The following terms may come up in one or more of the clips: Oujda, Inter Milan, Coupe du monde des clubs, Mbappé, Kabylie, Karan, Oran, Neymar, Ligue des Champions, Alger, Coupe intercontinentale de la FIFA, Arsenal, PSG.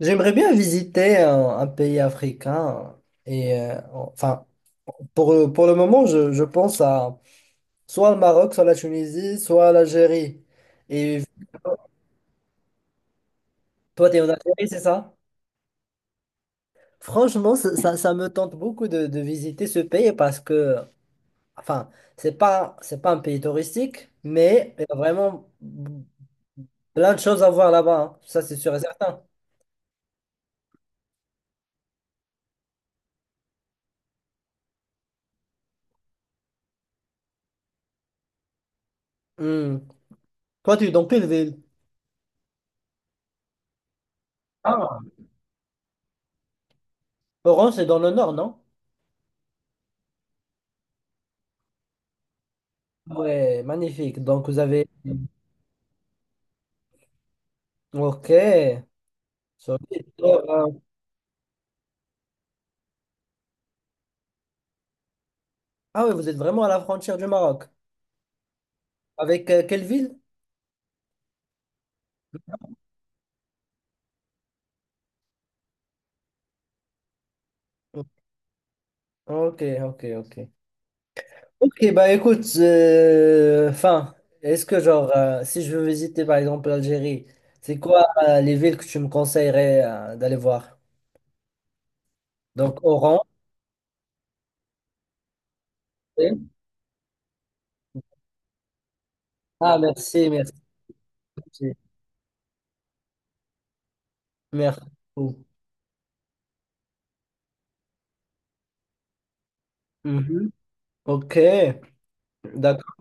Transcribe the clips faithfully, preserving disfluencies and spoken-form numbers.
J'aimerais bien visiter un, un pays africain et euh, enfin pour, pour le moment je, je pense à soit le Maroc, soit la Tunisie, soit l'Algérie. Et toi tu es en Algérie, c'est ça? Franchement, ça, ça ça me tente beaucoup de, de visiter ce pays parce que enfin, c'est pas c'est pas un pays touristique, mais il y a vraiment plein de choses à voir là-bas, hein. Ça c'est sûr et certain. Hmm. Toi tu es dans quelle ville? Ah. Oran, c'est dans le nord, non? Ouais, magnifique. Donc, vous avez... Ok. Solide. Euh, euh, Ah oui, vous êtes vraiment à la frontière du Maroc. Avec euh, quelle ville? Ok, ok, ok. Ok, bah écoute, euh, enfin, est-ce que genre, euh, si je veux visiter par exemple l'Algérie, c'est quoi euh, les villes que tu me conseillerais euh, d'aller voir? Donc, Oran. Oui. Ah, merci, merci. Merci beaucoup. Mhm. Ok, d'accord.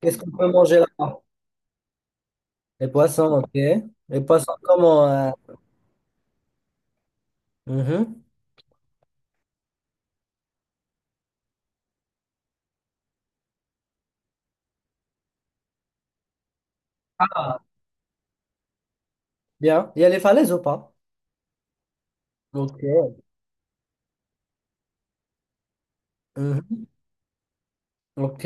Qu'est-ce qu'on peut manger là-bas? Les poissons, ok. Les poissons, comment? euh, Mhm. Ah, bien. Il y a les falaises ou pas? Ok. Mhm. Ok.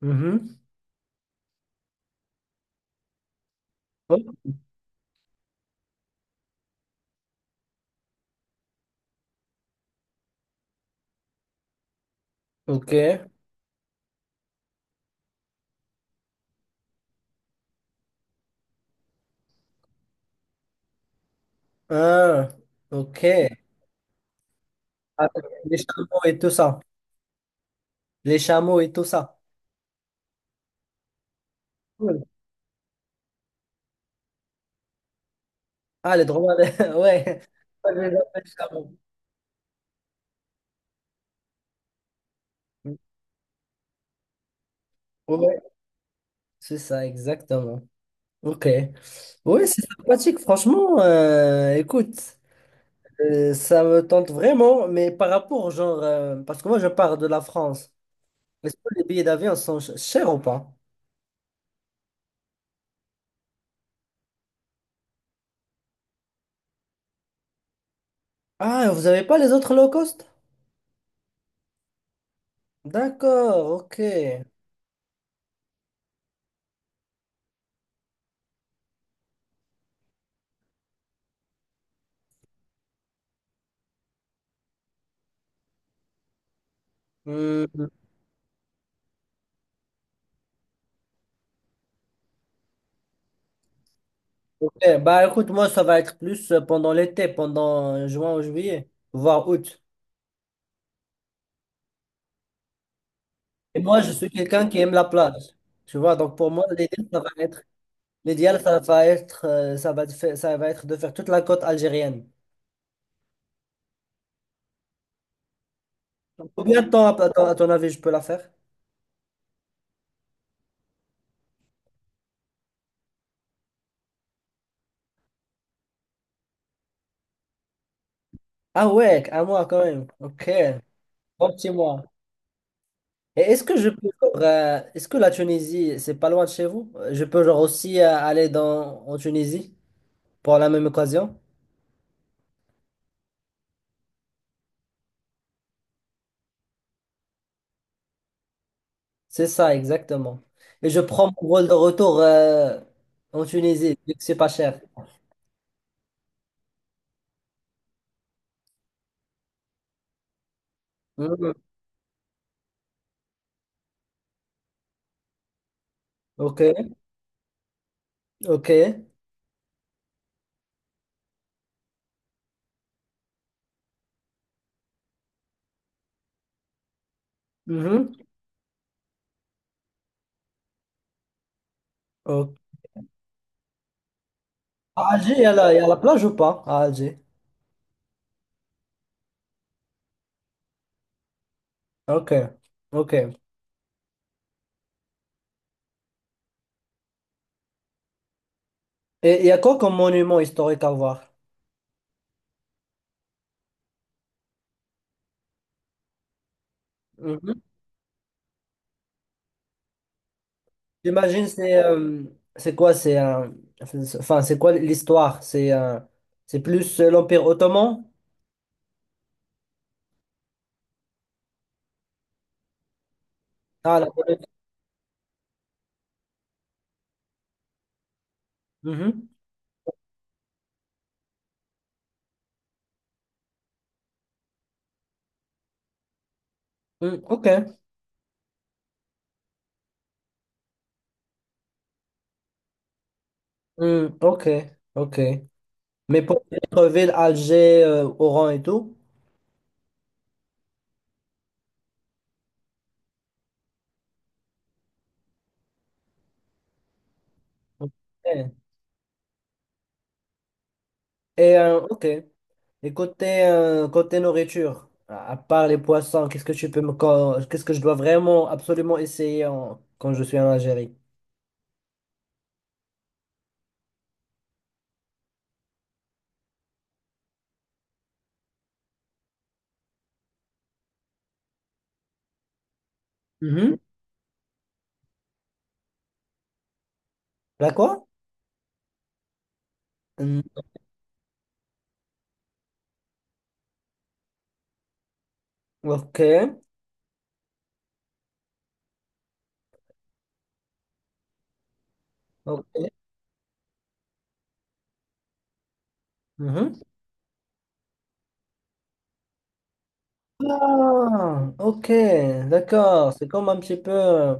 Mhm. Oh, ok. Ah, ok. Avec les chameaux et tout ça. Les chameaux et tout ça. Cool. Ah, les dromadaires. Ouais. Ouais, je les appelle chameaux. Ouais, c'est ça, exactement. Ok. Ouais, c'est sympathique, franchement. Euh, écoute, euh, ça me tente vraiment, mais par rapport, genre, euh, parce que moi, je pars de la France. Est-ce que les billets d'avion sont ch- chers ou pas? Ah, vous avez pas les autres low cost? D'accord, ok. Hmm, ok. Bah écoute, moi ça va être plus euh, pendant l'été, pendant euh, juin ou juillet, voire août. Et moi je suis quelqu'un qui aime la plage. Tu vois, donc pour moi l'idéal ça va être l'idéal ça va être euh, ça va de faire- ça va être de faire toute la côte algérienne. Combien de temps à, à ton à ton avis je peux la faire? Ah ouais, un mois quand même. Ok. Bon petit mois. Et est-ce que je peux, genre, euh, est-ce que la Tunisie, c'est pas loin de chez vous? Euh, Je peux genre aussi euh, aller dans, en Tunisie pour la même occasion? C'est ça, exactement. Et je prends mon vol de retour euh, en Tunisie, vu que c'est pas cher. Mhm. Ok, ok. Mhm. Ok. À Alger, il y a la, il y a la plage ou pas? À Alger. Ok, ok. Et il y a quoi comme monument historique à voir? J'imagine c'est euh, c'est quoi c'est un enfin c'est quoi l'histoire c'est euh, c'est plus euh, l'Empire ottoman. Ah, la Pologne. Mhm. Mm, ok. Mm, ok, ok, mais pour d'autres villes, Alger euh, Oran et tout. Ok, et euh, ok, et côté euh, côté nourriture, à à part les poissons, qu'est-ce que tu peux me co- qu'est-ce que je dois vraiment absolument essayer en- quand je suis en Algérie? Mhm. La quoi? Mm, ok, ok. Mhm. Ah, ok, d'accord. C'est comme un petit peu. euh,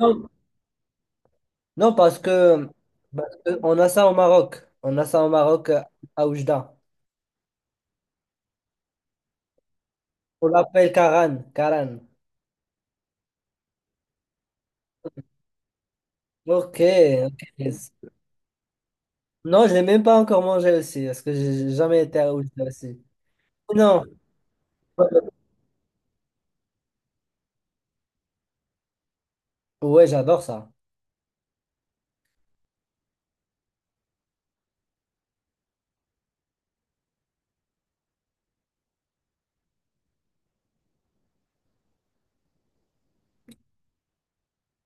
Non, non, parce que, parce que on a ça au Maroc. On a ça au Maroc euh, à Oujda. On l'appelle Karan. Karan. Ok, ok. Non, je l'ai même pas encore mangé aussi, parce que j'ai j'ai jamais été à Oujda aussi. Non. Ouais, j'adore ça.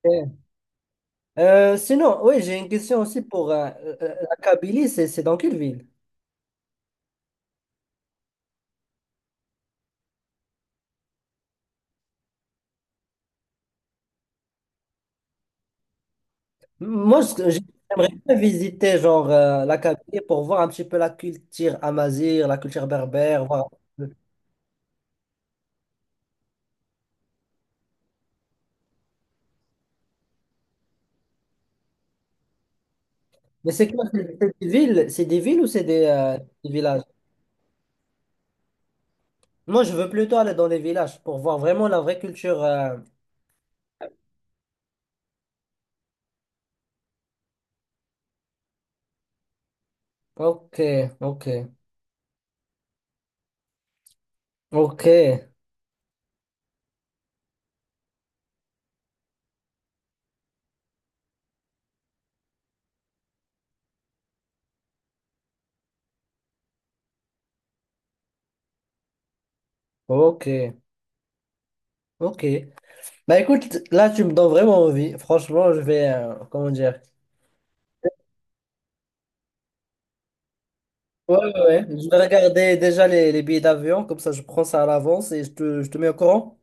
Ok. Euh, sinon, oui, j'ai une question aussi pour euh, euh, la Kabylie, c'est c'est dans quelle ville? Moi, ce que j'ai- j'aimerais bien visiter genre euh, la Kabylie pour voir un petit peu la culture amazigh, la culture berbère, voir un peu. Mais c'est quoi? C'est c'est des villes, c'est des villes ou c'est des, euh, des villages? Moi, je veux plutôt aller dans les villages pour voir vraiment la vraie culture. Euh. Ok, ok, ok, ok, ok. Bah écoute, là, tu me donnes vraiment envie. Franchement, je vais, euh, comment dire? Ouais, ouais, ouais. Je vais regarder déjà les, les billets d'avion, comme ça, je prends ça à l'avance et je te, je te mets au courant.